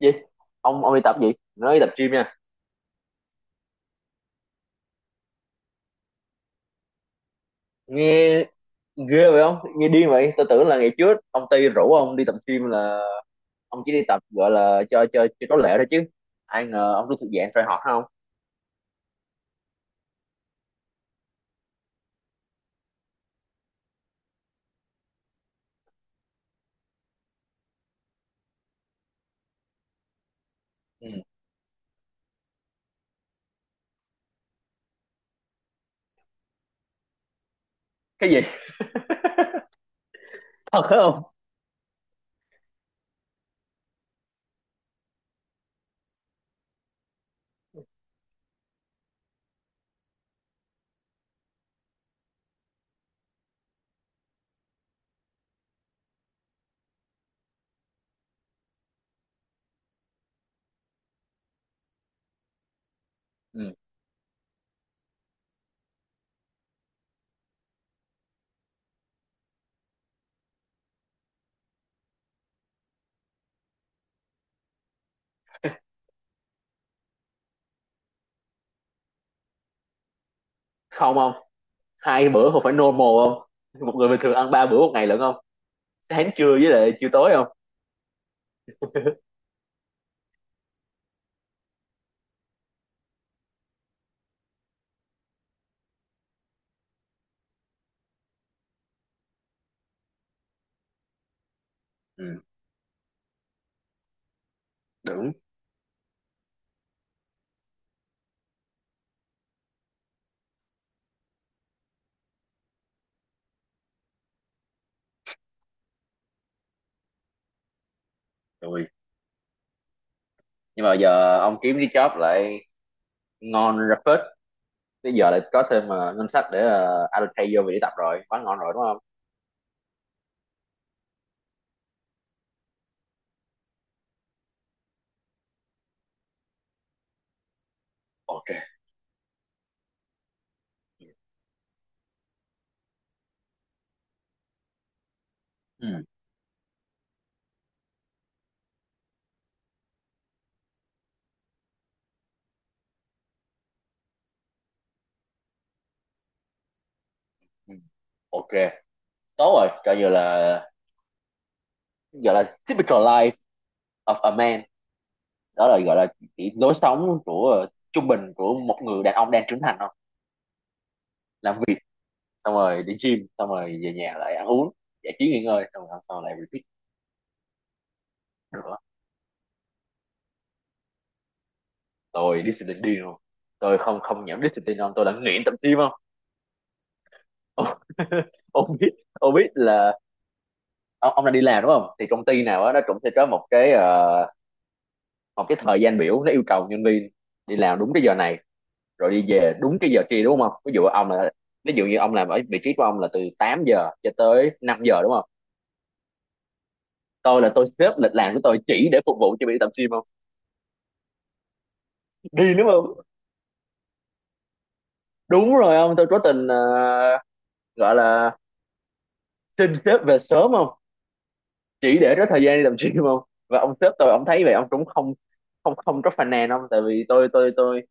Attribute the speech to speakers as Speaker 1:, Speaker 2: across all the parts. Speaker 1: Gì? Ông đi tập gì? Nói đi tập gym nha. Nghe ghê vậy không, nghe điên vậy. Tôi tưởng là ngày trước ông Tây rủ ông đi tập gym là ông chỉ đi tập, gọi là cho có lệ thôi, chứ ai ngờ ông cứ thuộc dạng try hard không. Ừ. Cái gì? Thật hả không? Ừ. Không, không, hai bữa không phải normal không. Một người bình thường ăn ba bữa một ngày lận không. Sáng, trưa với lại chiều tối không. Ừ. Đúng rồi, nhưng mà giờ ông kiếm cái job lại ngon ra phết. Bây giờ lại có thêm ngân sách để allocate vô việc đi tập rồi, quá ngon rồi đúng không. Ok. Ừ. Ừ. Ok, tốt rồi. Coi như là, gọi là, typical life of a man. Đó là, gọi là, chỉ lối sống của trung bình của một người đàn ông đang trưởng thành thôi. Làm việc, xong rồi đi gym, xong rồi về nhà lại ăn uống, giải trí nghỉ ngơi, xong rồi hôm sau lại repeat nữa. Tôi discipline điên luôn. Tôi không không nhảm discipline không, tôi là nghiện tập gym không. Ông biết, ông biết là ông đang đi làm đúng không? Thì công ty nào đó nó cũng sẽ có một cái một cái thời gian biểu, nó yêu cầu nhân viên đi làm đúng cái giờ này rồi đi về đúng cái giờ trưa đúng không. Ví dụ như ông làm ở vị trí của ông là từ 8 giờ cho tới 5 giờ đúng không. Tôi là tôi xếp lịch làm của tôi chỉ để phục vụ cho việc tập gym không. Đi đúng không. Đúng rồi ông, tôi cố tình gọi là xin sếp về sớm không, chỉ để có thời gian đi tập gym không. Và ông sếp tôi ông thấy vậy ông cũng không không không có phàn nàn không, tại vì tôi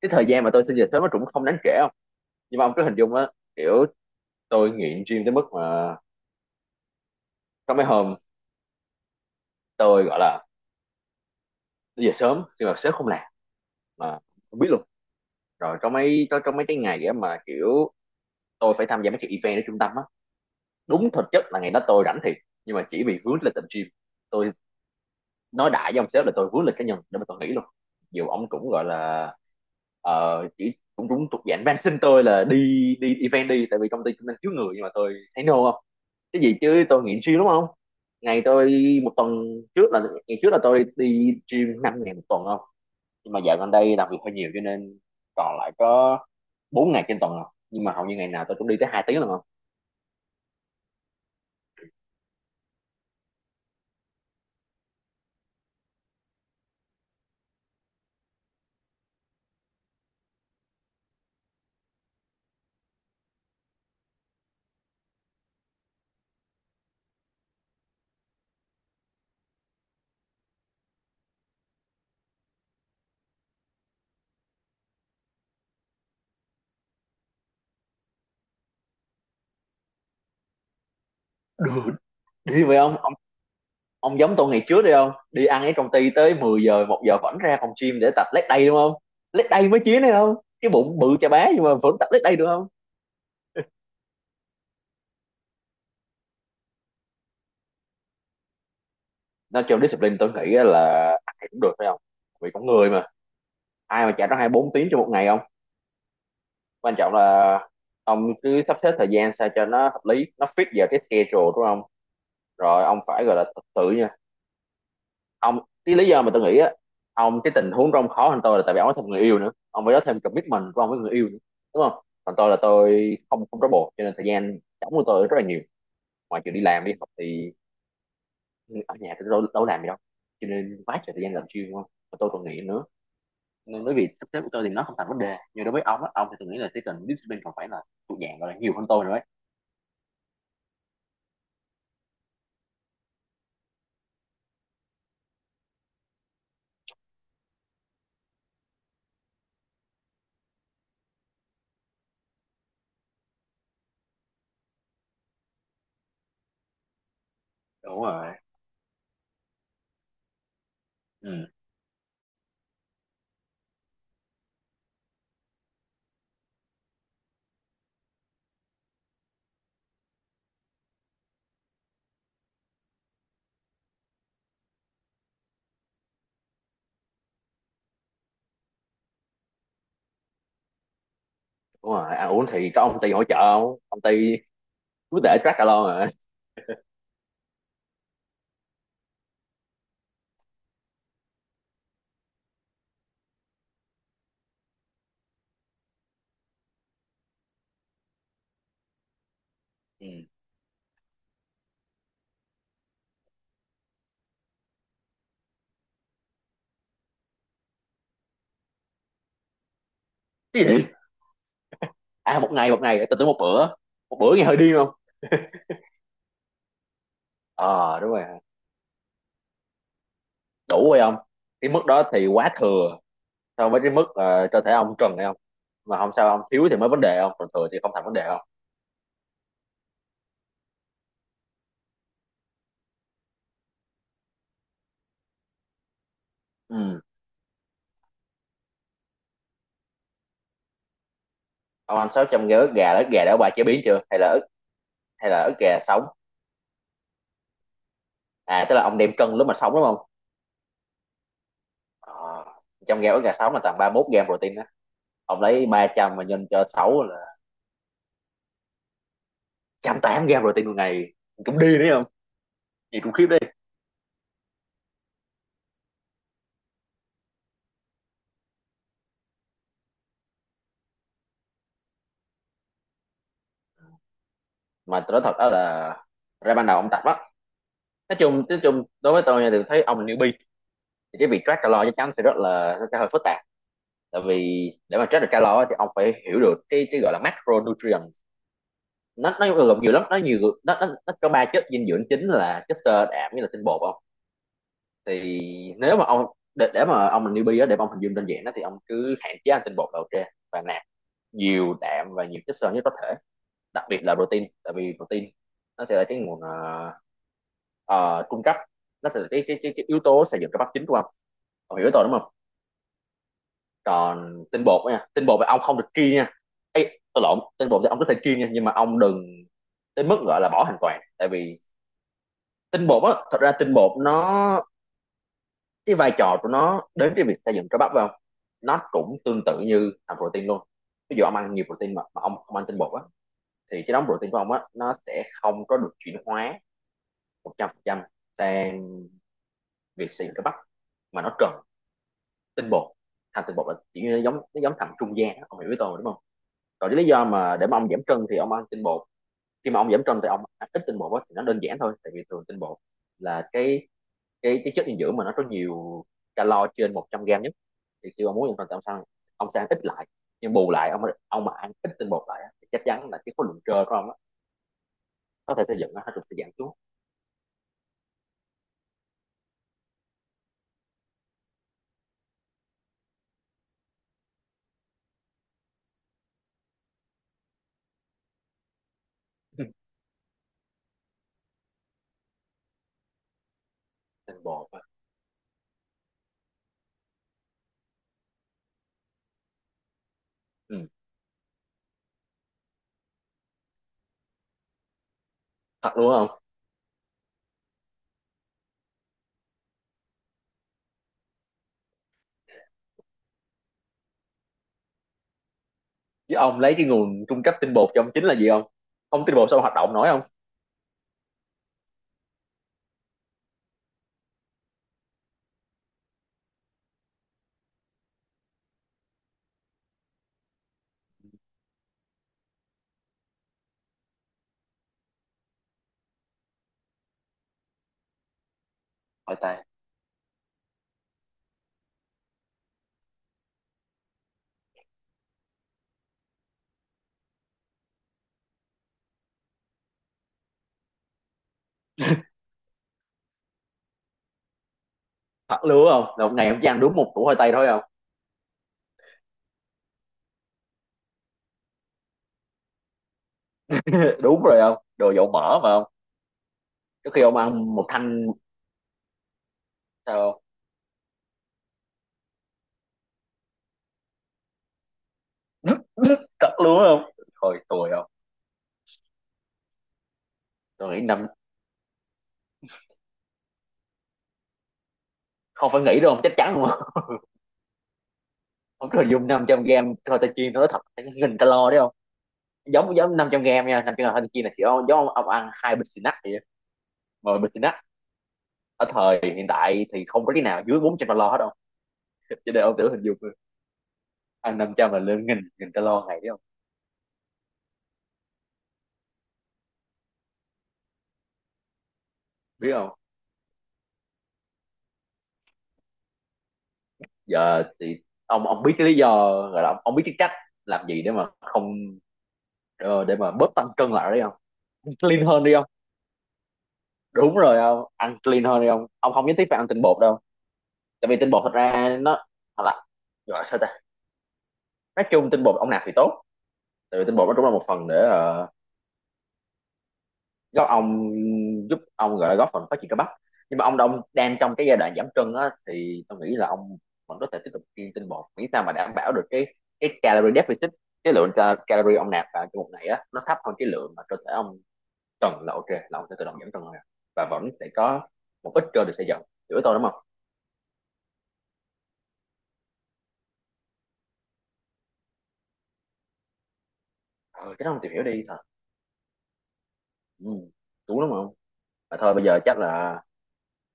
Speaker 1: cái thời gian mà tôi xin về sớm nó cũng không đáng kể không. Nhưng mà ông cứ hình dung á, kiểu tôi nghiện gym tới mức mà có mấy hôm tôi gọi là đi về sớm nhưng mà sếp không làm, mà không biết luôn. Rồi có mấy cái ngày á mà kiểu tôi phải tham gia mấy cái event ở trung tâm á. Đúng thực chất là ngày đó tôi rảnh thiệt, nhưng mà chỉ vì vướng lịch tập gym, tôi nói đại với ông sếp là tôi vướng lịch cá nhân để mà tôi nghỉ luôn. Dù ông cũng gọi là chỉ cũng cũng thuộc dạng van xin tôi là đi đi event đi, tại vì công ty cũng đang thiếu người, nhưng mà tôi thấy no không. Cái gì chứ tôi nghiện gym đúng không. Ngày tôi một tuần trước là ngày trước là tôi đi gym 5 ngày một tuần không. Nhưng mà dạo gần đây làm việc hơi nhiều cho nên còn lại có 4 ngày trên tuần rồi, nhưng mà hầu như ngày nào tôi cũng đi tới 2 tiếng rồi không. Đi vậy ông. Ông giống tôi ngày trước đi, không đi ăn ở công ty tới 10 giờ, 1 giờ vẫn ra phòng gym để tập leg day đúng không. Leg day mới chiến đấy không, cái bụng bự chà bá nhưng mà vẫn tập leg day được không. Nói chung discipline tôi nghĩ là ai cũng được phải không. Vì con người mà, ai mà chạy ra 24 tiếng trong một ngày không. Quan trọng là ông cứ sắp xếp thời gian sao cho nó hợp lý, nó fit vào cái schedule đúng không. Rồi ông phải gọi là tự tự ông. Cái lý do mà tôi nghĩ á, ông cái tình huống trong khó hơn tôi là tại vì ông có thêm người yêu nữa, ông phải có thêm commitment của ông với người yêu nữa đúng không. Còn tôi là tôi không không trói bồ, cho nên thời gian trống của tôi rất là nhiều. Ngoài chuyện đi làm đi học thì ở nhà tôi đâu có làm gì đâu, cho nên quá trời thời gian làm chuyên đúng không, và tôi còn nghĩ nữa. Nên bởi vì sắp xếp của tôi thì nó không thành vấn đề, nhưng đối với ông thì tôi nghĩ là cái cần discipline còn phải là thuộc dạng, gọi là, nhiều hơn tôi nữa ấy. Đúng rồi. Ừ. Đúng rồi, ăn uống thì có ông Ty hỗ trợ không. Ông Ty cứ để track alone rồi. Ừ. Cái gì? À, một ngày tôi tưởng một bữa. Một bữa nghe hơi điên không. Đúng rồi, đủ rồi không? Cái mức đó thì quá thừa so với cái mức cơ thể ông cần hay không. Mà không sao, ông thiếu thì mới vấn đề không, còn thừa thì không thành vấn đề không. Ừ, ông ăn 600 gram ức gà là ức gà đã qua chế biến chưa, hay là ức gà sống. À tức là ông đem cân lúc mà sống đúng không. ờ, trong g ức gà sống là tầm 31 gram protein đó. Ông lấy 300 mà nhân cho 6 là trăm tám gram protein một ngày, cũng đi đấy không. Gì cũng khiếp đi. Mà tôi nói thật đó là, ra ban đầu ông tập á, nói chung đối với tôi nha, thì thấy ông là newbie thì cái việc track calo chắc chắn sẽ rất là sẽ hơi phức tạp. Tại vì để mà track được calo á, thì ông phải hiểu được cái gọi là macronutrient. Nó gồm nhiều lắm, nó nhiều nó có ba chất dinh dưỡng chính là chất xơ, đạm với là tinh bột không. Thì nếu mà ông để mà ông là newbie á, để mà ông hình dung đơn giản đó thì ông cứ hạn chế ăn tinh bột đầu tiên, và nạp nhiều đạm và nhiều chất xơ nhất có thể, đặc biệt là protein. Tại vì protein nó sẽ là cái nguồn cung cấp, nó sẽ là cái yếu tố xây dựng cơ bắp chính của ông. Ông hiểu tôi đúng không. Còn tinh bột nha, tinh bột thì ông không được kiêng nha, ấy tôi lộn, tinh bột thì ông có thể kiêng nha, nhưng mà ông đừng tới mức gọi là bỏ hoàn toàn. Tại vì tinh bột á, thật ra tinh bột nó, cái vai trò của nó đến cái việc xây dựng cơ bắp phải không, nó cũng tương tự như thành protein luôn. Ví dụ ông ăn nhiều protein mà ông không ăn tinh bột á, thì cái đống protein của ông á nó sẽ không có được chuyển hóa 100% sang việc xây dựng cơ bắp, mà nó cần tinh bột. Thành tinh bột là chỉ như nó giống thành trung gian á. Ông hiểu với tôi mà, đúng không. Còn cái lý do mà để mà ông giảm cân thì ông ăn tinh bột, khi mà ông giảm cân thì ông ăn ít tinh bột á, thì nó đơn giản thôi. Tại vì thường tinh bột là cái chất dinh dưỡng mà nó có nhiều calo trên 100 gram nhất. Thì khi ông muốn giảm cân thì ông sang ít lại. Nhưng bù lại ông mà ăn ít tinh bột lại á, thì chắc chắn là cái khối lượng cơ của ông á, có thể xây dựng nó sẽ giảm xuống. Tinh bột á. Ừ. Thật luôn không. Chứ ông lấy cái nguồn cung cấp tinh bột cho ông chính là gì không. Không tinh bột sao ông hoạt động nổi không. Hỏi tây. Thật luôn không, là một ngày ông chỉ ăn đúng một củ khoai tây thôi không. Đúng rồi không, đồ dầu mỡ mà không. Trước khi ông ăn một thanh sao. Cất luôn á không. Thôi tôi không. Tôi nghĩ năm, không phải nghĩ đâu không, chắc chắn luôn không. Không rồi, dùng 500 gram thôi ta chiên nó thật nghìn calo đấy không. Giống giống 500 gram nha, 500 gram thôi ta chiên là chỉ ông, giống ông ăn hai bịch xì nắc vậy á. Mà bịch xì nắc ở thời hiện tại thì không có cái nào dưới 400 calo hết đâu. Cho nên ông thử hình dung, ăn 500 là lên nghìn nghìn calo ngày đấy không biết không. Giờ thì ông biết cái lý do, gọi là ông biết cái cách làm gì để mà không, để mà bớt tăng cân lại đi không. Ăn clean hơn đi không. Đúng rồi không, ăn clean hơn đi không. Ông không nhất thiết phải ăn tinh bột đâu. Tại vì tinh bột thật ra nó, thật là, gọi sao ta, nói chung tinh bột ông nạp thì tốt. Tại vì tinh bột nó cũng là một phần để góp ông giúp ông, gọi là, góp phần phát triển cơ bắp. Nhưng mà ông đông đang trong cái giai đoạn giảm cân á thì tôi nghĩ là ông vẫn có thể tiếp tục kiêng tinh bột, miễn sao mà đảm bảo được cái calorie deficit. Cái lượng calorie ông nạp vào trong một ngày á nó thấp hơn cái lượng mà cơ thể ông Trần là ok, là ông sẽ tự động giảm Trần thôi à, và vẫn sẽ có một ít cơ được xây dựng. Hiểu tôi đúng không. Ờ, cái đó ông tìm hiểu đi thật. Ừ, đúng lắm không. Mà thôi bây giờ chắc là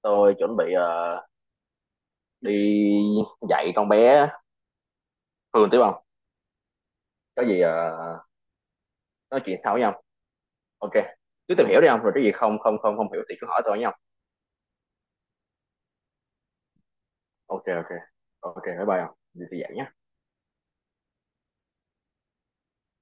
Speaker 1: tôi chuẩn bị đi dạy con bé Hương tiếp không. Có gì nói chuyện sau với nhau. Ok, cứ tìm hiểu đi không, rồi cái gì không không không không hiểu thì cứ hỏi tôi nha không. Ok, ok, ok, bye bye không, đi dạy nhé.